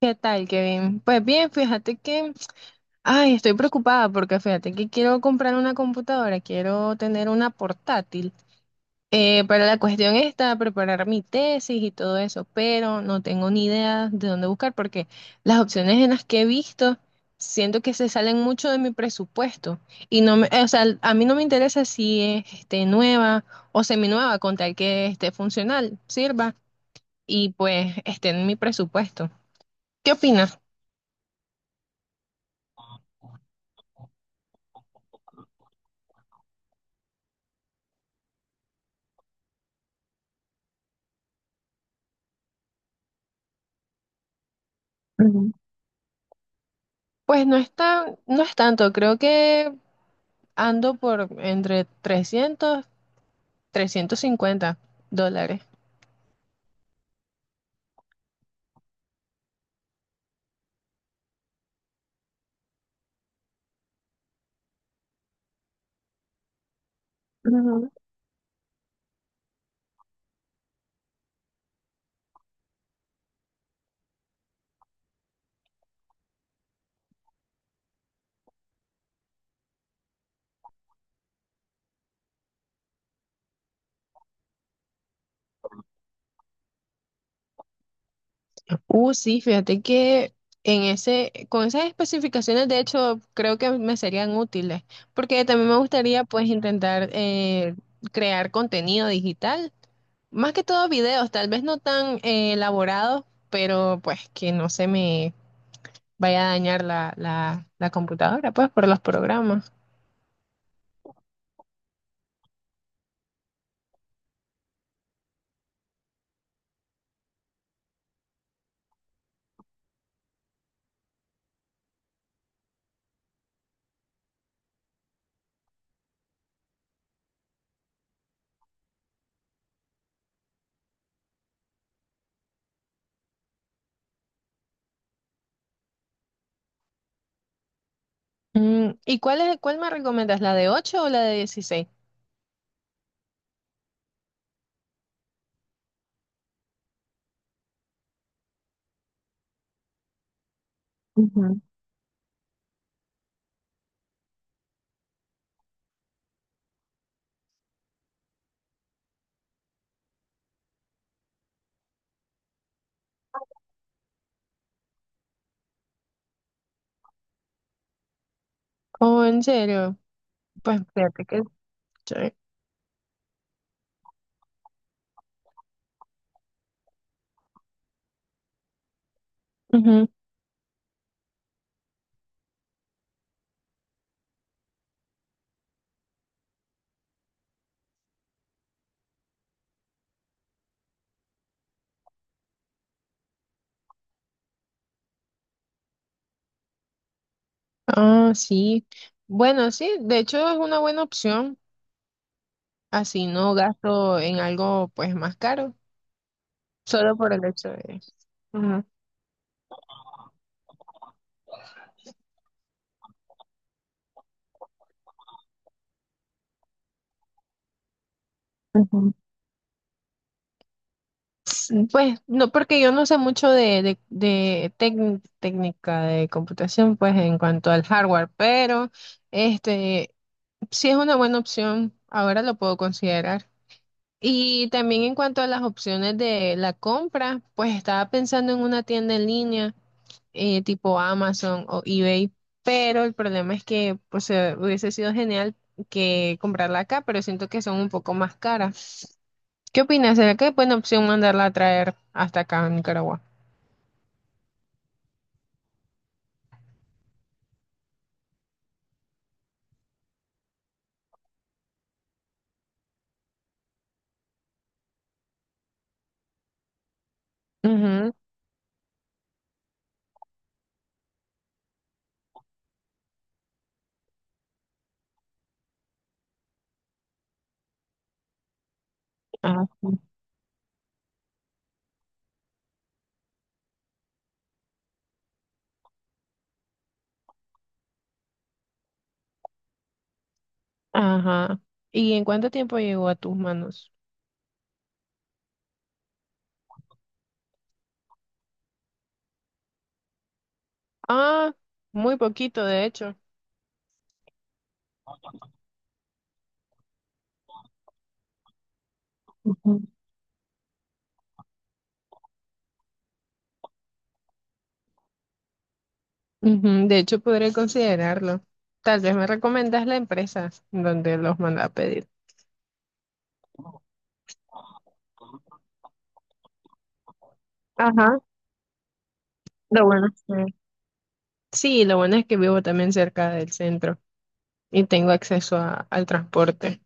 ¿Qué tal, Kevin? Pues bien, fíjate que, ay, estoy preocupada porque fíjate que quiero comprar una computadora, quiero tener una portátil. Pero la cuestión está preparar mi tesis y todo eso, pero no tengo ni idea de dónde buscar porque las opciones en las que he visto siento que se salen mucho de mi presupuesto y no me, o sea, a mí no me interesa si es este, nueva o seminueva con tal que esté funcional, sirva y pues esté en mi presupuesto. ¿Qué opinas? Pues no es no es tanto, creo que ando por entre 300, 350 dólares. Ujú. Sí, fíjate que en ese, con esas especificaciones, de hecho, creo que me serían útiles, porque también me gustaría pues intentar crear contenido digital, más que todo videos, tal vez no tan elaborados, pero pues que no se me vaya a dañar la computadora, pues por los programas. Mm, ¿y cuál es, cuál me recomiendas, la de 8 o la de 16? Ujú. Oh, ¿en serio? Pues fíjate que chévere. Ujú. Ah, sí. Bueno, sí, de hecho es una buena opción. Así no gasto en algo pues más caro, solo por el hecho de... Ujú. Ujú. Sí, pues no, porque yo no sé mucho de técnica de computación, pues en cuanto al hardware, pero este sí es una buena opción. Ahora lo puedo considerar. Y también en cuanto a las opciones de la compra, pues estaba pensando en una tienda en línea, tipo Amazon o eBay, pero el problema es que pues hubiese sido genial que comprarla acá, pero siento que son un poco más caras. ¿Qué opinas? ¿Será que es buena opción mandarla a traer hasta acá a Nicaragua? Ujú. Ah, sí. Ajá. ¿Y en cuánto tiempo llegó a tus manos? Ah, muy poquito, de hecho. Ujú. De hecho, podré considerarlo. Tal vez me recomiendas la empresa donde los manda a pedir. Ajá, lo bueno es que... Sí, lo bueno es que vivo también cerca del centro y tengo acceso al transporte.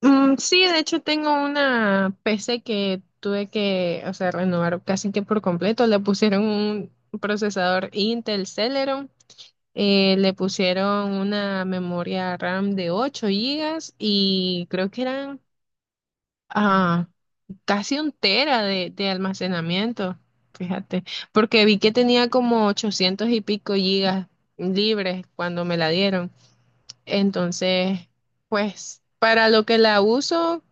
Mm, sí, de hecho tengo una PC que tuve que, o sea, renovar casi que por completo. Le pusieron un procesador Intel Celeron, le pusieron una memoria RAM de 8 gigas y creo que eran... ah, casi un tera de almacenamiento, fíjate, porque vi que tenía como 800 y pico gigas libres cuando me la dieron. Entonces, pues para lo que la uso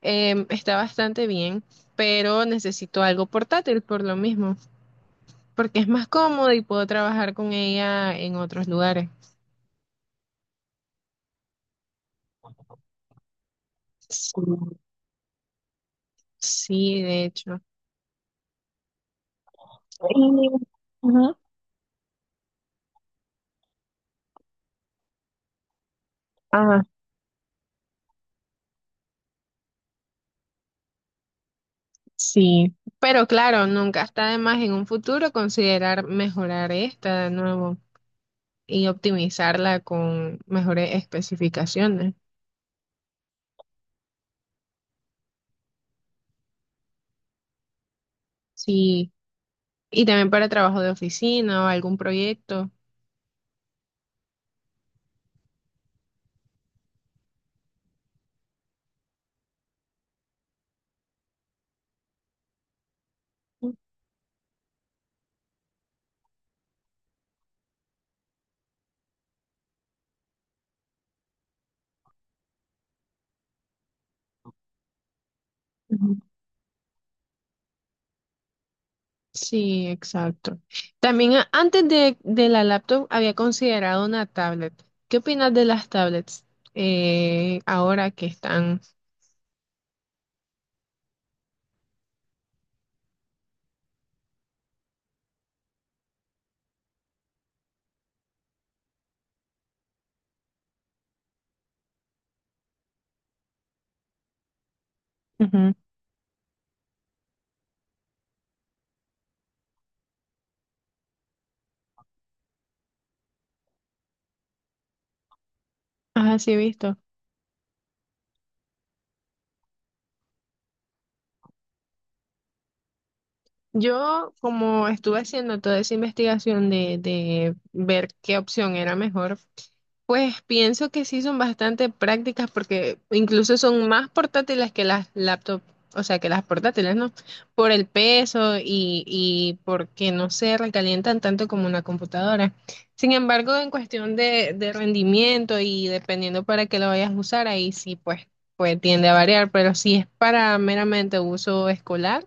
está bastante bien, pero necesito algo portátil por lo mismo, porque es más cómodo y puedo trabajar con ella en otros lugares. Sí, sí, de hecho. Y- ajá. Sí, pero claro, nunca está de más en un futuro considerar mejorar esta de nuevo y optimizarla con mejores especificaciones. Sí, y también para trabajo de oficina o algún proyecto. Ujú. Sí, exacto. También antes de la laptop había considerado una tablet. ¿Qué opinas de las tablets ahora que están? Ujú. Ajá, sí, he visto. Yo, como estuve haciendo toda esa investigación de ver qué opción era mejor, pues pienso que sí son bastante prácticas porque incluso son más portátiles que las laptops, o sea, que las portátiles, ¿no? Por el peso y porque no se recalientan tanto como una computadora. Sin embargo, en cuestión de rendimiento y dependiendo para qué lo vayas a usar, ahí sí, pues, pues tiende a variar, pero si es para meramente uso escolar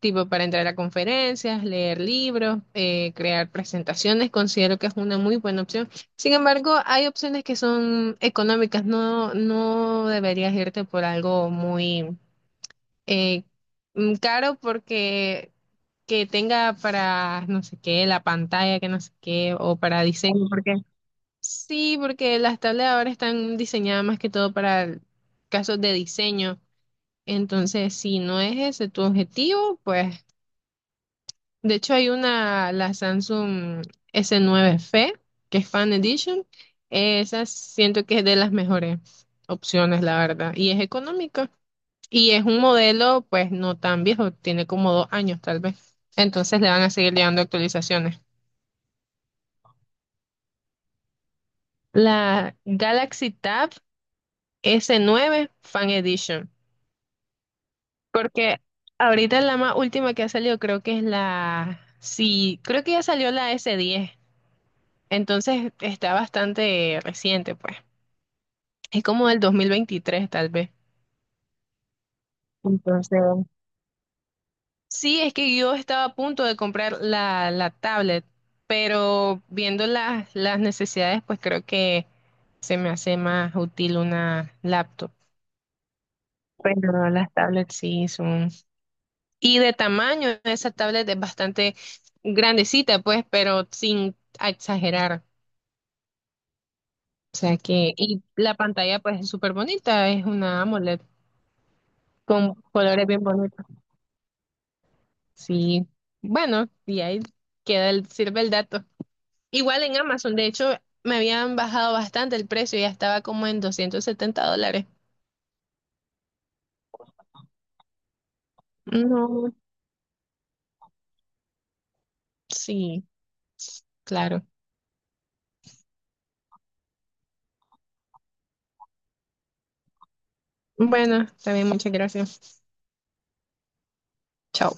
tipo para entrar a conferencias, leer libros, crear presentaciones, considero que es una muy buena opción. Sin embargo, hay opciones que son económicas, no, no deberías irte por algo muy eh, caro porque que tenga para no sé qué, la pantalla, que no sé qué, o para diseño, porque sí, porque las tablets ahora están diseñadas más que todo para casos de diseño. Entonces, si no es ese tu objetivo, pues de hecho, hay una, la Samsung S9F, que es Fan Edition. Esa siento que es de las mejores opciones, la verdad. Y es económica. Y es un modelo, pues, no tan viejo. Tiene como 2 años, tal vez. Entonces le van a seguir llegando actualizaciones. La Galaxy Tab S9 Fan Edition. Porque ahorita la más última que ha salido creo que es la... Sí, creo que ya salió la S10. Entonces está bastante reciente, pues. Es como del 2023, tal vez. Entonces, sí, es que yo estaba a punto de comprar la tablet, pero viendo las necesidades, pues creo que se me hace más útil una laptop. Pero las tablets sí son... Y de tamaño, esa tablet es bastante grandecita, pues, pero sin exagerar. O sea que... Y la pantalla, pues, es súper bonita, es una AMOLED con colores bien bonitos. Sí, bueno, y ahí queda el, sirve el dato. Igual en Amazon, de hecho, me habían bajado bastante el precio, ya estaba como en $270. No, sí, claro. Bueno, también muchas gracias. Chao.